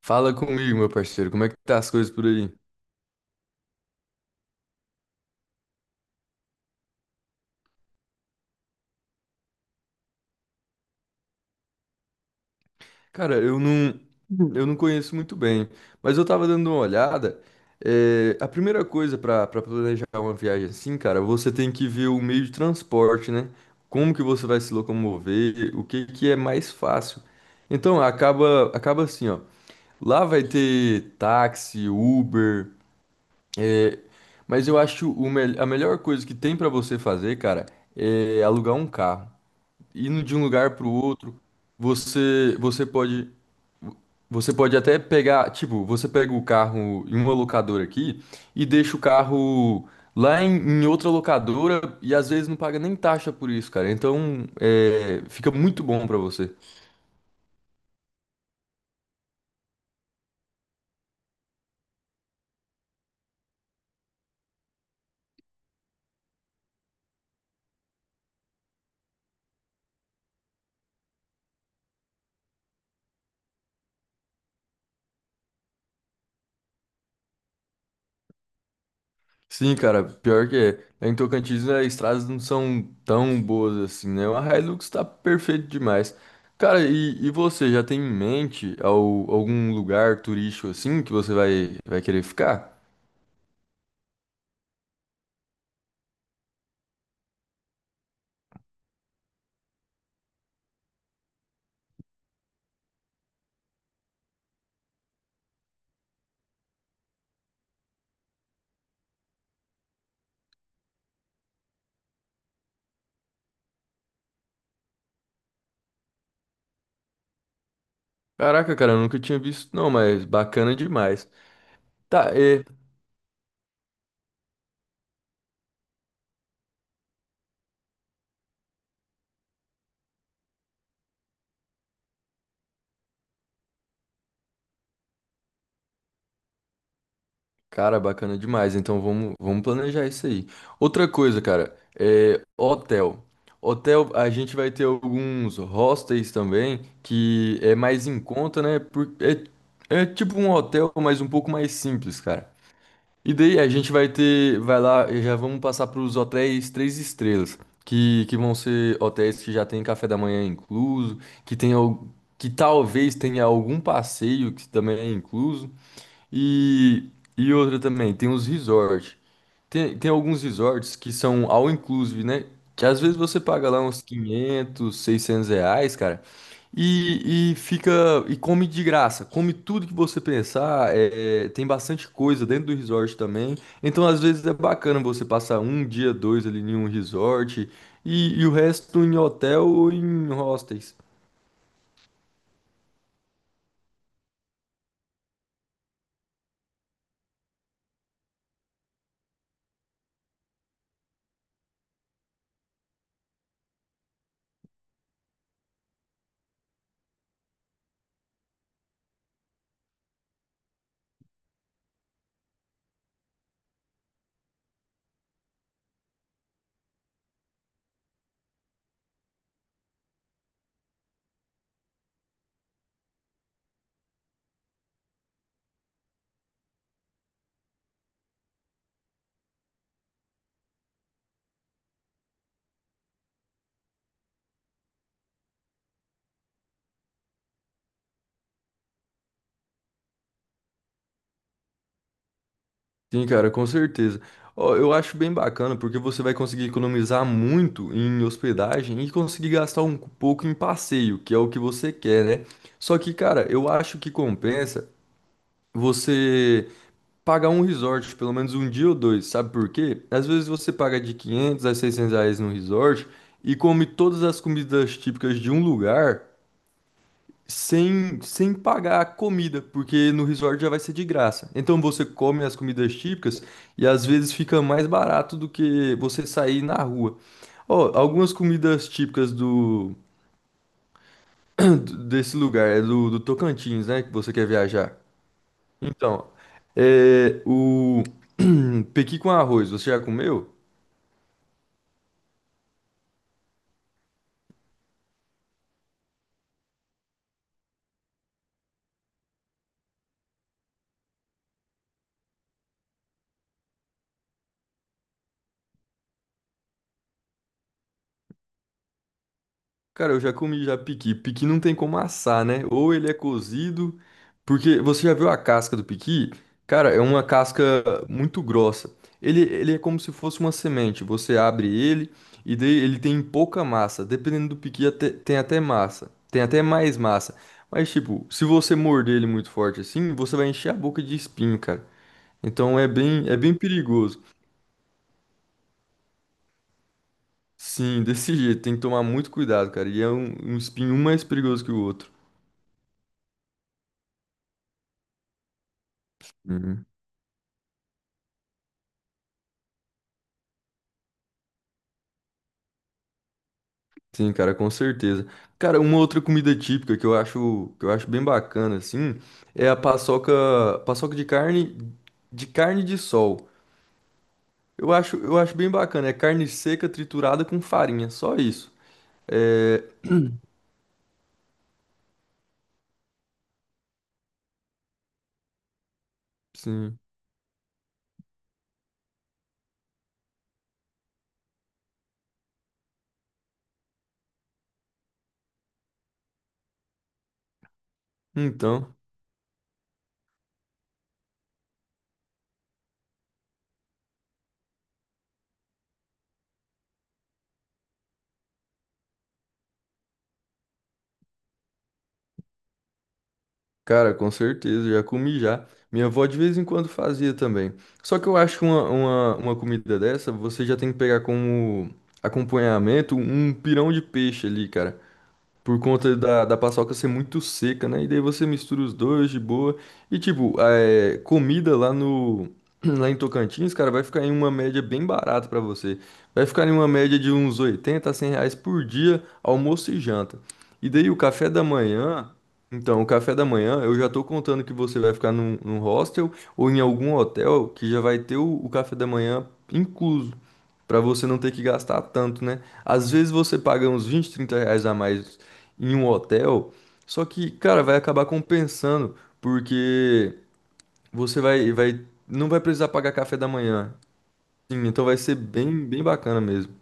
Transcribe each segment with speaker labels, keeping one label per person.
Speaker 1: Fala comigo, meu parceiro, como é que tá as coisas por aí? Cara, eu não conheço muito bem, mas eu tava dando uma olhada. A primeira coisa pra planejar uma viagem assim, cara, você tem que ver o meio de transporte, né? Como que você vai se locomover, o que que é mais fácil. Então, acaba assim, ó. Lá vai ter táxi, Uber, é, mas eu acho a melhor coisa que tem pra você fazer, cara, é alugar um carro. Indo de um lugar para o outro, você você pode você pode até pegar, tipo, você pega o carro em uma locadora aqui e deixa o carro lá em outra locadora e às vezes não paga nem taxa por isso, cara. Então, fica muito bom para você. Sim, cara, pior que é. Lá em Tocantins, né, as estradas não são tão boas assim, né? A Hilux tá perfeito demais. Cara, e você já tem em mente algum lugar turístico assim que você vai querer ficar? Caraca, cara, eu nunca tinha visto, não, mas bacana demais. Tá, é. Cara, bacana demais. Então vamos planejar isso aí. Outra coisa, cara, é hotel. Hotel, a gente vai ter alguns hostels também, que é mais em conta, né? É tipo um hotel, mas um pouco mais simples, cara. E daí a gente vai ter, vai lá, e já vamos passar para os hotéis três estrelas, que vão ser hotéis que já tem café da manhã incluso, que tem, al- que talvez tenha algum passeio que também é incluso. E, e outra também, tem os resorts. Tem alguns resorts que são all inclusive, né? Que às vezes você paga lá uns 500 R$ 600, cara, e fica e come de graça. Come tudo que você pensar. Tem bastante coisa dentro do resort também. Então, às vezes é bacana você passar um dia, dois ali em um resort e o resto em hotel ou em hostels. Sim, cara, com certeza. Ó, eu acho bem bacana porque você vai conseguir economizar muito em hospedagem e conseguir gastar um pouco em passeio, que é o que você quer, né? Só que, cara, eu acho que compensa você pagar um resort, pelo menos um dia ou dois, sabe por quê? Às vezes você paga de R$ 500 a 600 no resort e come todas as comidas típicas de um lugar sem pagar a comida, porque no resort já vai ser de graça. Então você come as comidas típicas e às vezes fica mais barato do que você sair na rua. Ó, algumas comidas típicas do desse lugar, é do Tocantins, né, que você quer viajar. Então, é o pequi com arroz, você já comeu? Cara, eu já comi já piqui. Piqui não tem como assar, né? Ou ele é cozido, porque você já viu a casca do piqui? Cara, é uma casca muito grossa. Ele é como se fosse uma semente. Você abre ele e daí ele tem pouca massa. Dependendo do piqui, tem até massa. Tem até mais massa. Mas, tipo, se você morder ele muito forte assim, você vai encher a boca de espinho, cara. Então é bem perigoso. Sim, desse jeito. Tem que tomar muito cuidado, cara. E é um espinho um mais perigoso que o outro. Uhum. Sim, cara, com certeza. Cara, uma outra comida típica que eu acho bem bacana, assim, é a paçoca, paçoca de carne, de carne de sol. Eu acho bem bacana. É carne seca triturada com farinha, só isso. É, sim. Então, cara, com certeza, já comi já. Minha avó de vez em quando fazia também. Só que eu acho que uma comida dessa, você já tem que pegar como acompanhamento um pirão de peixe ali, cara. Por conta da paçoca ser muito seca, né? E daí você mistura os dois de boa. E tipo, comida lá no lá em Tocantins, cara, vai ficar em uma média bem barata pra você. Vai ficar em uma média de uns 80, a R$ 100 por dia, almoço e janta. E daí o café da manhã. Então, o café da manhã, eu já tô contando que você vai ficar num hostel ou em algum hotel que já vai ter o café da manhã incluso. Pra você não ter que gastar tanto, né? Às vezes você paga uns 20, R$ 30 a mais em um hotel. Só que, cara, vai acabar compensando, porque você não vai precisar pagar café da manhã. Sim, então vai ser bem, bem bacana mesmo.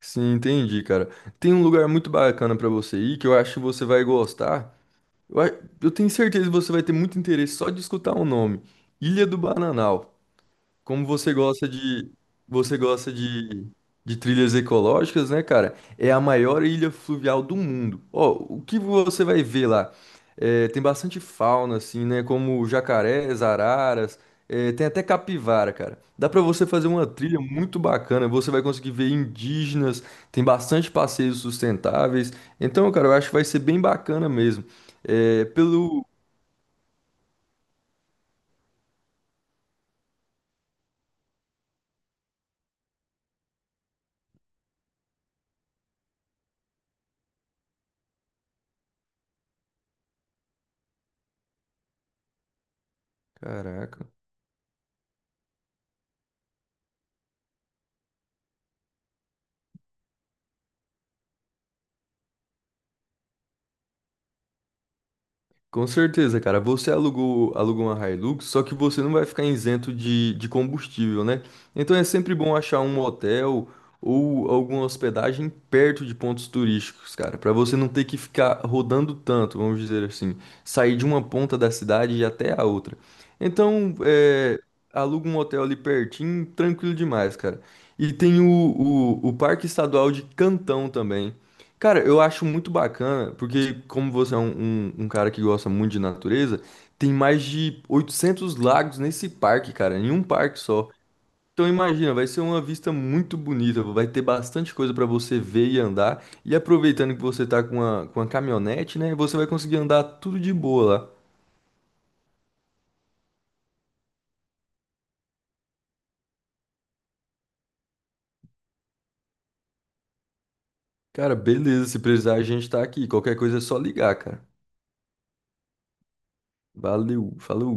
Speaker 1: Sim, entendi, cara. Tem um lugar muito bacana pra você ir que eu acho que você vai gostar. Eu, a- eu tenho certeza que você vai ter muito interesse só de escutar o nome. Ilha do Bananal. Como você gosta você gosta de, de trilhas ecológicas, né, cara? É a maior ilha fluvial do mundo. Ó, o que você vai ver lá? É, tem bastante fauna, assim, né? Como jacarés, araras, tem até capivara, cara. Dá pra você fazer uma trilha muito bacana. Você vai conseguir ver indígenas, tem bastante passeios sustentáveis. Então, cara, eu acho que vai ser bem bacana mesmo. É, pelo. Caraca. Com certeza, cara. Você alugou uma Hilux, só que você não vai ficar isento de combustível, né? Então é sempre bom achar um hotel ou alguma hospedagem perto de pontos turísticos, cara, para você não ter que ficar rodando tanto, vamos dizer assim, sair de uma ponta da cidade e ir até a outra. Então, aluga um hotel ali pertinho, tranquilo demais, cara. E tem o Parque Estadual de Cantão também. Cara, eu acho muito bacana, porque como você é um cara que gosta muito de natureza, tem mais de 800 lagos nesse parque, cara, em um parque só. Então imagina, vai ser uma vista muito bonita, vai ter bastante coisa pra você ver e andar. E aproveitando que você tá com a caminhonete, né, você vai conseguir andar tudo de boa lá. Cara, beleza, se precisar a gente tá aqui, qualquer coisa é só ligar, cara. Valeu, falou.